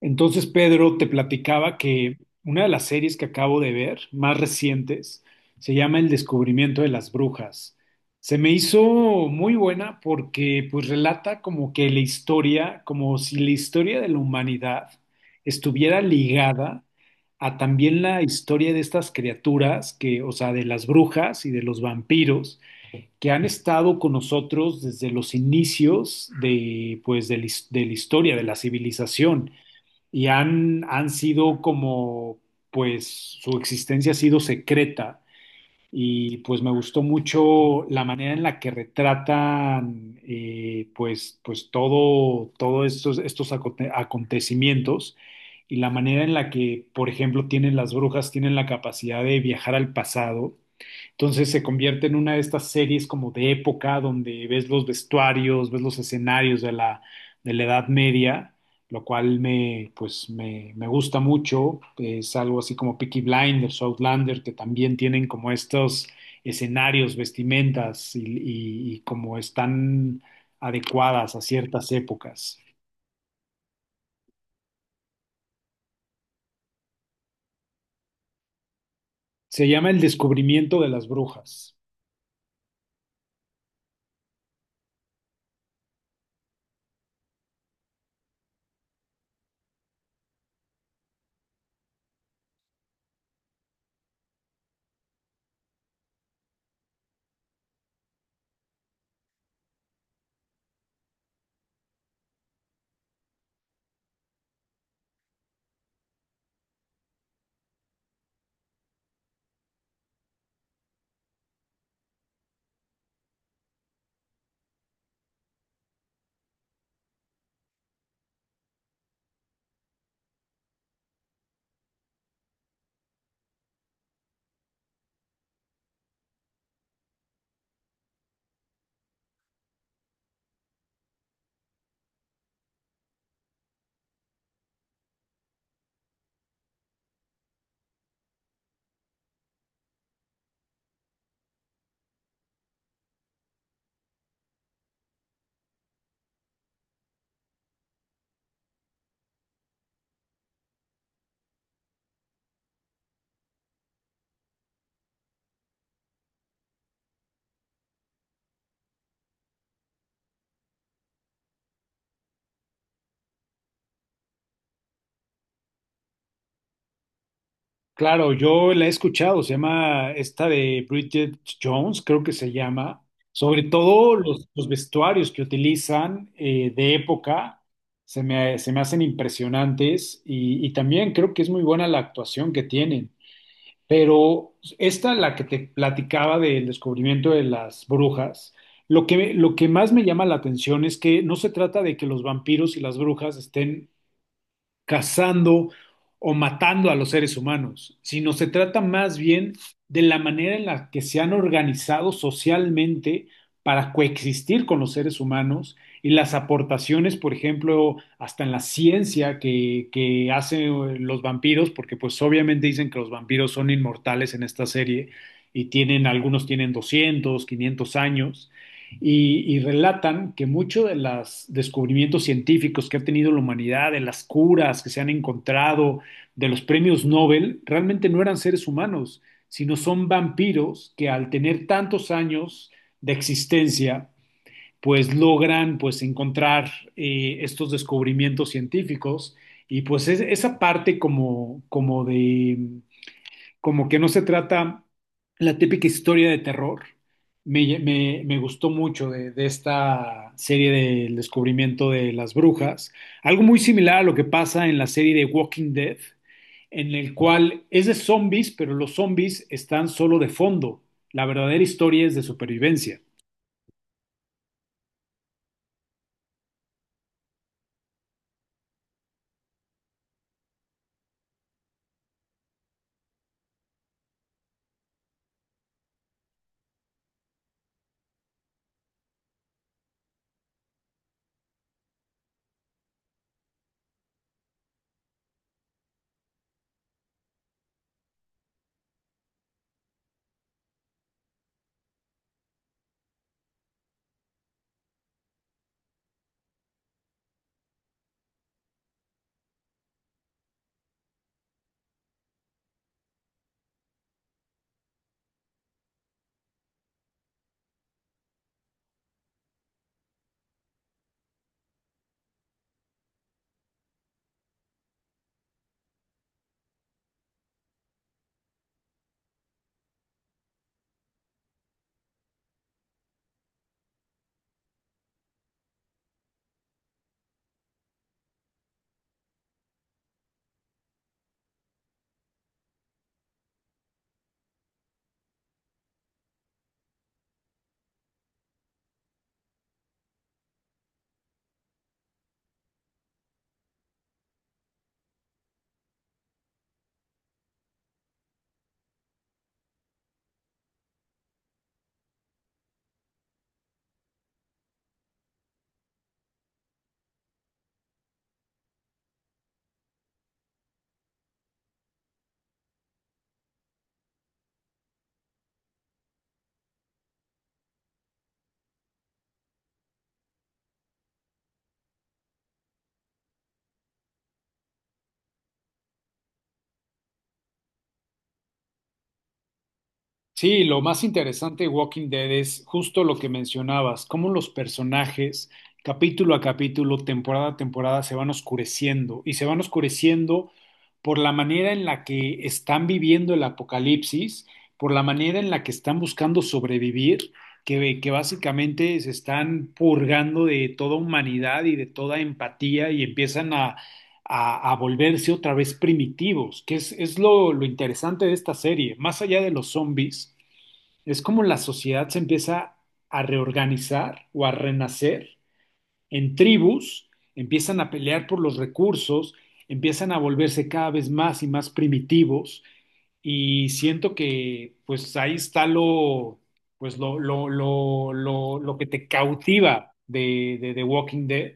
Entonces, Pedro, te platicaba que una de las series que acabo de ver, más recientes, se llama El descubrimiento de las brujas. Se me hizo muy buena porque pues relata como que la historia, como si la historia de la humanidad estuviera ligada a también la historia de estas criaturas que, o sea, de las brujas y de los vampiros que han estado con nosotros desde los inicios de pues de de la historia, de la civilización y han sido como, pues su existencia ha sido secreta y pues me gustó mucho la manera en la que retratan pues todo estos acontecimientos y la manera en la que, por ejemplo, tienen las brujas, tienen la capacidad de viajar al pasado. Entonces se convierte en una de estas series como de época donde ves los vestuarios, ves los escenarios de la Edad Media, lo cual me gusta mucho. Es algo así como Peaky Blinders, Outlander, que también tienen como estos escenarios, vestimentas y como están adecuadas a ciertas épocas. Se llama El descubrimiento de las brujas. Claro, yo la he escuchado, se llama esta de Bridget Jones, creo que se llama, sobre todo los vestuarios que utilizan de época, se me hacen impresionantes y también creo que es muy buena la actuación que tienen, pero esta, la que te platicaba del descubrimiento de las brujas, lo que más me llama la atención es que no se trata de que los vampiros y las brujas estén cazando o matando a los seres humanos, sino se trata más bien de la manera en la que se han organizado socialmente para coexistir con los seres humanos y las aportaciones, por ejemplo, hasta en la ciencia que hacen los vampiros, porque pues obviamente dicen que los vampiros son inmortales en esta serie y tienen, algunos tienen 200, 500 años y relatan que muchos de los descubrimientos científicos que ha tenido la humanidad, de las curas que se han encontrado, de los premios Nobel, realmente no eran seres humanos, sino son vampiros que al tener tantos años de existencia, pues logran pues encontrar estos descubrimientos científicos y pues esa parte como de como que no se trata la típica historia de terror. Me gustó mucho de esta serie del descubrimiento de las brujas. Algo muy similar a lo que pasa en la serie de Walking Dead, en el cual es de zombies, pero los zombies están solo de fondo. La verdadera historia es de supervivencia. Sí, lo más interesante de Walking Dead es justo lo que mencionabas, cómo los personajes, capítulo a capítulo, temporada a temporada, se van oscureciendo y se van oscureciendo por la manera en la que están viviendo el apocalipsis, por la manera en la que están buscando sobrevivir, que básicamente se están purgando de toda humanidad y de toda empatía y empiezan a volverse otra vez primitivos, que es lo interesante de esta serie, más allá de los zombies. Es como la sociedad se empieza a reorganizar o a renacer en tribus, empiezan a pelear por los recursos, empiezan a volverse cada vez más y más primitivos y siento que pues ahí está lo, pues, lo que te cautiva de The Walking Dead.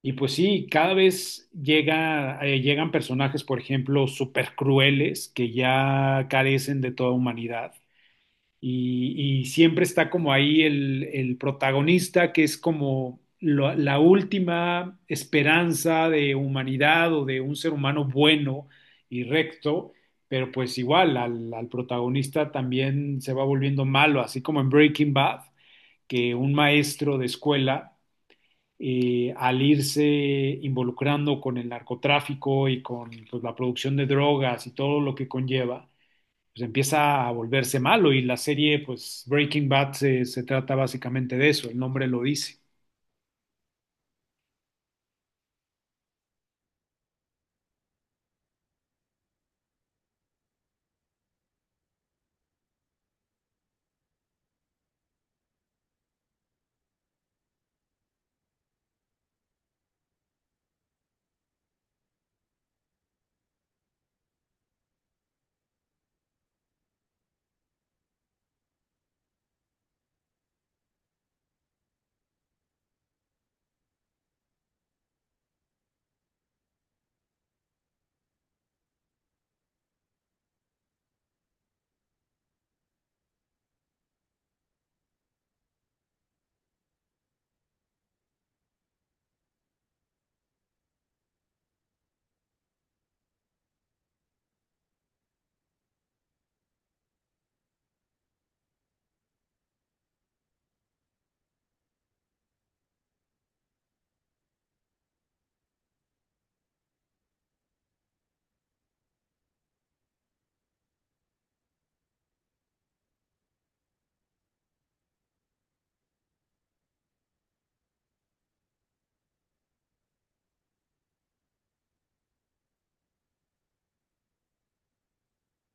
Y pues sí, cada vez llegan personajes, por ejemplo, súper crueles que ya carecen de toda humanidad y siempre está como ahí el protagonista que es como la última esperanza de humanidad o de un ser humano bueno y recto, pero pues igual al protagonista también se va volviendo malo, así como en Breaking Bad, que un maestro de escuela, al irse involucrando con el narcotráfico y con pues, la producción de drogas y todo lo que conlleva, pues empieza a volverse malo y la serie, pues Breaking Bad se trata básicamente de eso, el nombre lo dice.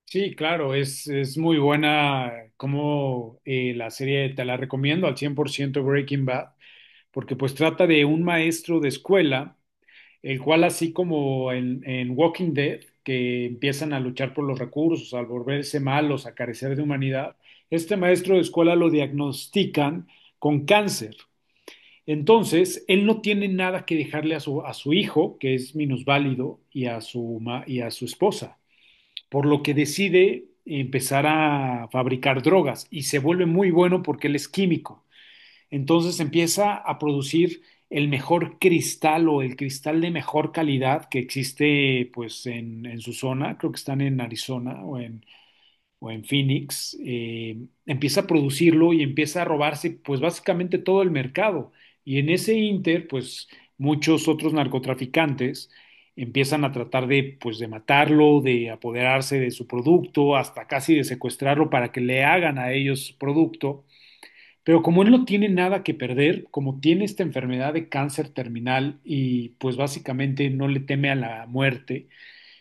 Sí, claro, es muy buena como la serie, te la recomiendo al 100% Breaking Bad, porque pues trata de un maestro de escuela, el cual así como en Walking Dead, que empiezan a luchar por los recursos, al volverse malos, a carecer de humanidad, este maestro de escuela lo diagnostican con cáncer. Entonces, él no tiene nada que dejarle a su, hijo, que es minusválido, y a su, y a su esposa, por lo que decide empezar a fabricar drogas y se vuelve muy bueno porque él es químico. Entonces empieza a producir el mejor cristal o el cristal de mejor calidad que existe pues en su zona, creo que están en Arizona o en Phoenix, empieza a producirlo y empieza a robarse pues básicamente todo el mercado. Y en ese inter, pues muchos otros narcotraficantes empiezan a tratar de matarlo, de apoderarse de su producto, hasta casi de secuestrarlo para que le hagan a ellos su producto. Pero como él no tiene nada que perder, como tiene esta enfermedad de cáncer terminal y pues básicamente no le teme a la muerte,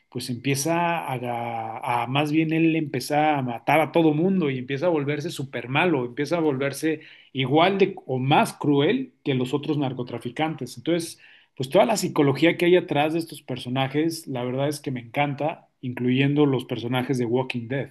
pues empieza más bien él empieza a matar a todo mundo y empieza a volverse súper malo, empieza a volverse igual de o más cruel que los otros narcotraficantes. Entonces, pues toda la psicología que hay atrás de estos personajes, la verdad es que me encanta, incluyendo los personajes de Walking Dead.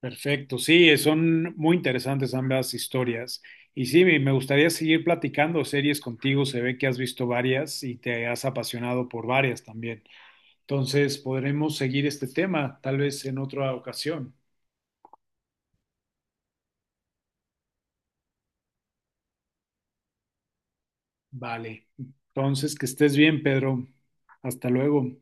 Perfecto, sí, son muy interesantes ambas historias. Y sí, me gustaría seguir platicando series contigo, se ve que has visto varias y te has apasionado por varias también. Entonces podremos seguir este tema, tal vez en otra ocasión. Vale. Entonces, que estés bien, Pedro. Hasta luego.